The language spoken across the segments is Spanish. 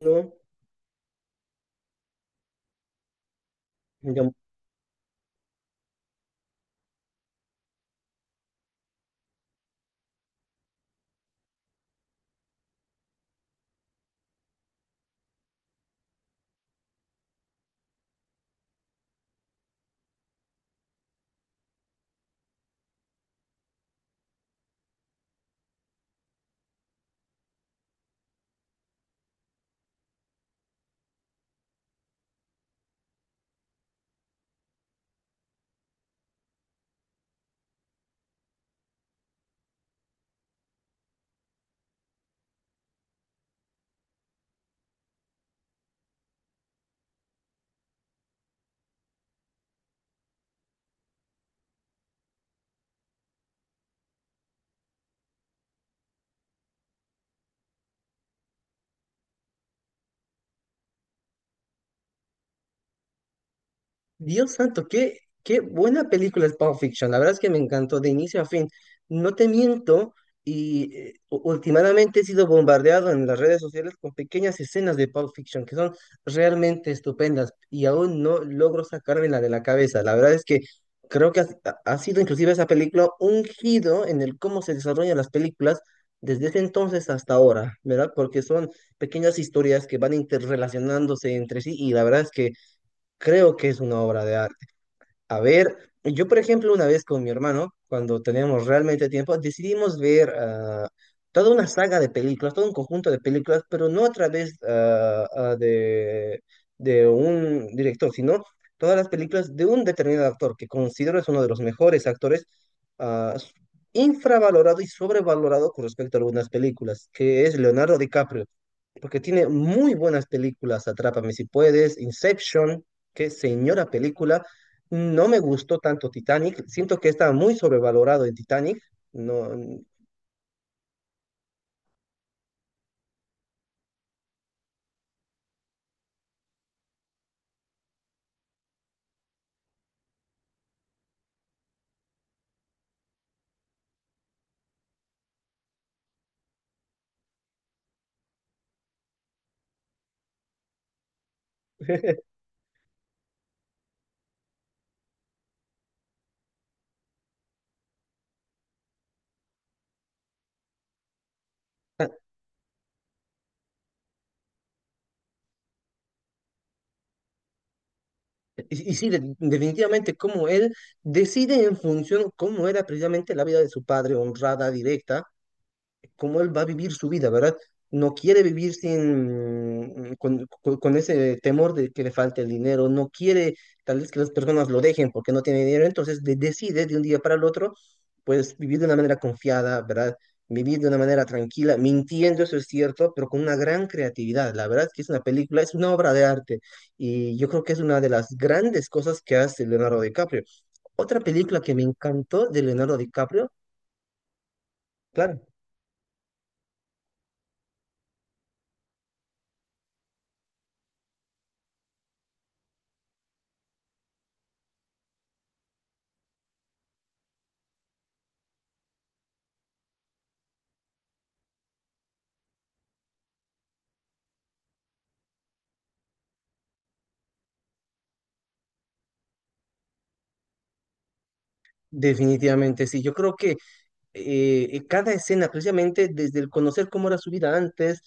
No, digamos, Dios santo, qué, qué buena película es Pulp Fiction. La verdad es que me encantó de inicio a fin. No te miento, y últimamente he sido bombardeado en las redes sociales con pequeñas escenas de Pulp Fiction que son realmente estupendas y aún no logro sacármela de la cabeza. La verdad es que creo que ha sido inclusive esa película un giro en el cómo se desarrollan las películas desde ese entonces hasta ahora, ¿verdad? Porque son pequeñas historias que van interrelacionándose entre sí y la verdad es que creo que es una obra de arte. A ver, yo por ejemplo una vez con mi hermano, cuando teníamos realmente tiempo, decidimos ver toda una saga de películas, todo un conjunto de películas, pero no a través de un director, sino todas las películas de un determinado actor que considero es uno de los mejores actores, ah, s- infravalorado y sobrevalorado con respecto a algunas películas, que es Leonardo DiCaprio porque tiene muy buenas películas, Atrápame si puedes, Inception, qué señora película. No me gustó tanto Titanic, siento que está muy sobrevalorado en Titanic. No, n- Y sí, definitivamente como él decide en función cómo era precisamente la vida de su padre, honrada, directa cómo él va a vivir su vida, ¿verdad? No quiere vivir sin, con ese temor de que le falte el dinero, no quiere tal vez que las personas lo dejen porque no tiene dinero, entonces decide de un día para el otro, pues vivir de una manera confiada, ¿verdad? Vivir de una manera tranquila, mintiendo, eso es cierto, pero con una gran creatividad. La verdad es que es una película, es una obra de arte y yo creo que es una de las grandes cosas que hace Leonardo DiCaprio. Otra película que me encantó de Leonardo DiCaprio, claro, definitivamente sí, yo creo que cada escena, precisamente desde el conocer cómo era su vida antes,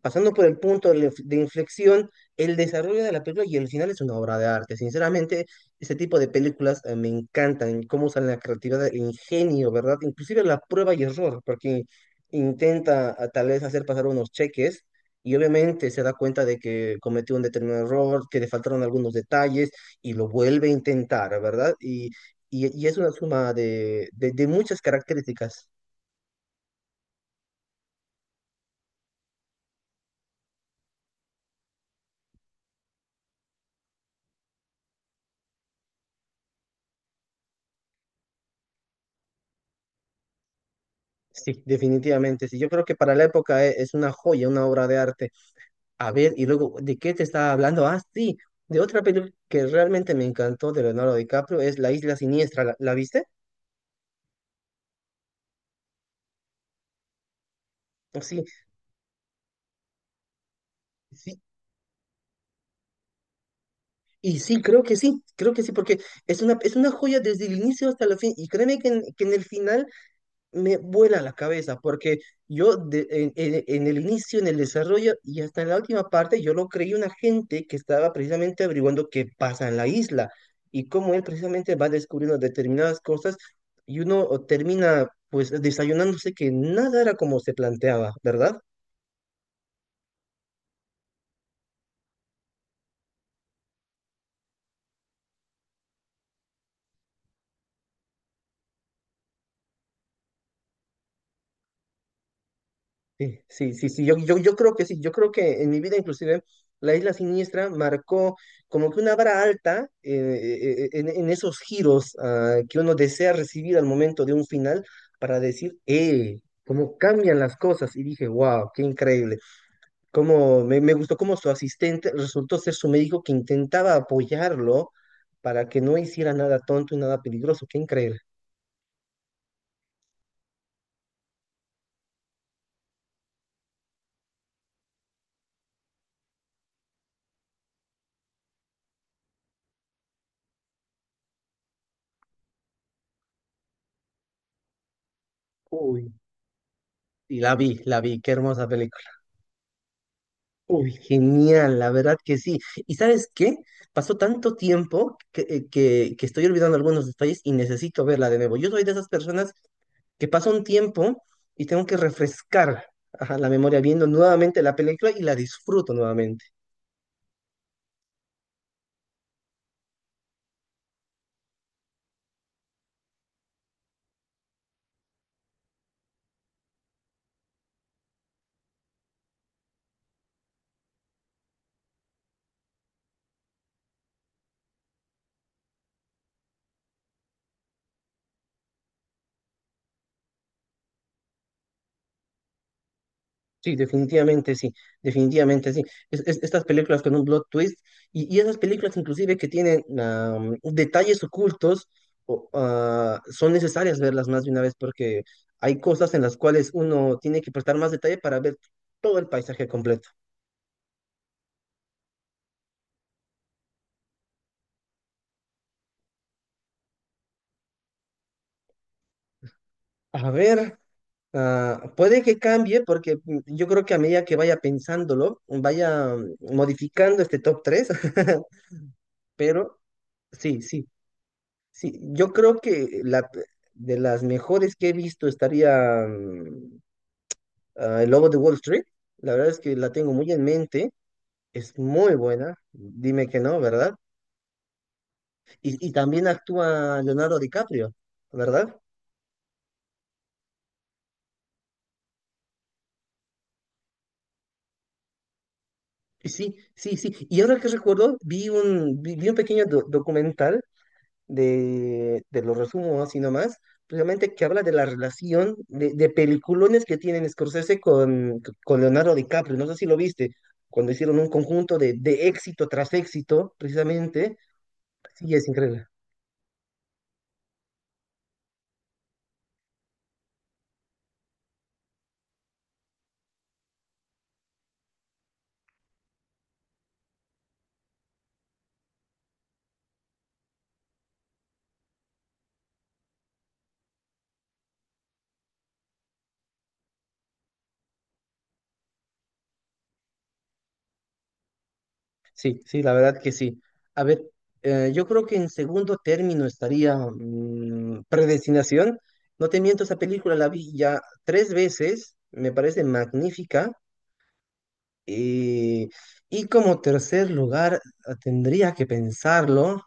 pasando por el punto de, de inflexión, el desarrollo de la película y el final es una obra de arte. Sinceramente, este tipo de películas me encantan, cómo usan la creatividad, el ingenio, ¿verdad? Inclusive la prueba y error, porque intenta a, tal vez hacer pasar unos cheques. Y obviamente se da cuenta de que cometió un determinado error, que le faltaron algunos detalles y lo vuelve a intentar, ¿verdad? Y es una suma de muchas características. Sí, definitivamente, sí. Yo creo que para la época es una joya, una obra de arte. A ver, y luego, ¿de qué te estaba hablando? Ah, sí, de otra película que realmente me encantó de Leonardo DiCaprio, es La Isla Siniestra. La viste? Oh, sí, sí. Y sí, creo que sí, creo que sí, porque es una joya desde el inicio hasta el fin. Y créeme que que en el final me vuela la cabeza porque yo en el inicio, en el desarrollo y hasta en la última parte, yo lo creí un agente que estaba precisamente averiguando qué pasa en la isla y cómo él precisamente va descubriendo determinadas cosas y uno termina pues desayunándose que nada era como se planteaba, ¿verdad? Sí, sí, sí, sí, yo creo que sí, yo creo que en mi vida inclusive la Isla Siniestra marcó como que una vara alta en esos giros que uno desea recibir al momento de un final para decir, ¡eh! Cómo cambian las cosas. Y dije, wow, qué increíble. Cómo, me gustó cómo su asistente resultó ser su médico que intentaba apoyarlo para que no hiciera nada tonto y nada peligroso. Qué increíble. Uy, y la vi, qué hermosa película. Uy, genial, la verdad que sí. ¿Y sabes qué? Pasó tanto tiempo que, que estoy olvidando algunos detalles y necesito verla de nuevo. Yo soy de esas personas que pasa un tiempo y tengo que refrescar ajá, la memoria viendo nuevamente la película y la disfruto nuevamente. Sí, definitivamente sí, definitivamente sí. Estas películas con un plot twist y esas películas inclusive que tienen detalles ocultos o, ah, son necesarias verlas más de una vez porque hay cosas en las cuales uno tiene que prestar más detalle para ver todo el paisaje completo. A ver, ah, puede que cambie porque yo creo que a medida que vaya pensándolo, vaya modificando este top 3 pero sí, sí. Sí, yo creo que la, de las mejores que he visto estaría El Lobo de Wall Street. La verdad es que la tengo muy en mente. Es muy buena. Dime que no, ¿verdad? Y también actúa Leonardo DiCaprio, ¿verdad? Sí, sí, sí. Y ahora que recuerdo, vi un pequeño documental de los resumo así nomás, precisamente que habla de la relación de peliculones que tienen Scorsese con Leonardo DiCaprio, no sé si lo viste, cuando hicieron un conjunto de éxito tras éxito, precisamente, sí, es increíble. Sí, sí, la verdad que sí. A ver, yo creo que en segundo término estaría Predestinación. No te miento, esa película la vi ya 3 veces, me parece magnífica. Y, y como tercer lugar, ah, tendría que pensarlo.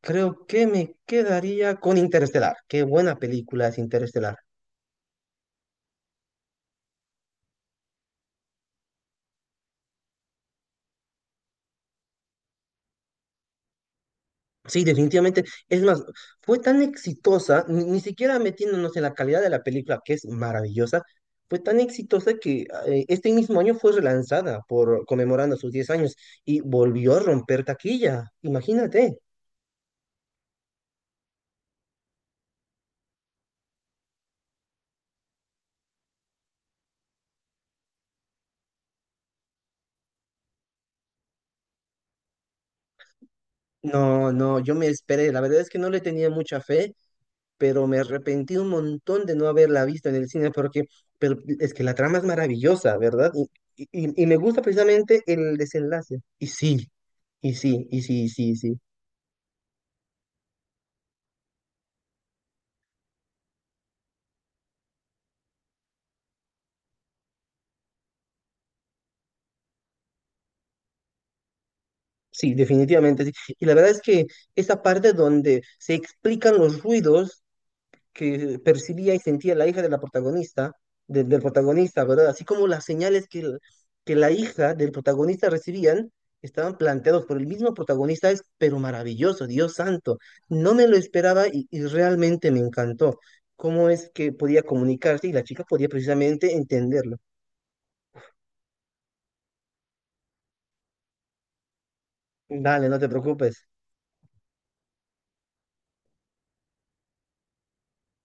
Creo que me quedaría con Interestelar. Qué buena película es Interestelar. Sí, definitivamente. Es más, fue tan exitosa, ni siquiera metiéndonos en la calidad de la película, que es maravillosa, fue tan exitosa que este mismo año fue relanzada por conmemorando sus 10 años y volvió a romper taquilla. Imagínate. No, no, yo me esperé. La verdad es que no le tenía mucha fe. Pero me arrepentí un montón de no haberla visto en el cine porque pero es que la trama es maravillosa, ¿verdad? Y me gusta precisamente el desenlace. Y sí, y sí, y sí, sí, sí. Sí, definitivamente sí. Y la verdad es que esa parte donde se explican los ruidos que percibía y sentía la hija de la protagonista, del protagonista, ¿verdad? Así como las señales que, que la hija del protagonista recibían estaban planteados por el mismo protagonista, es pero maravilloso, Dios santo. No me lo esperaba y realmente me encantó cómo es que podía comunicarse y la chica podía precisamente entenderlo. Dale, no te preocupes.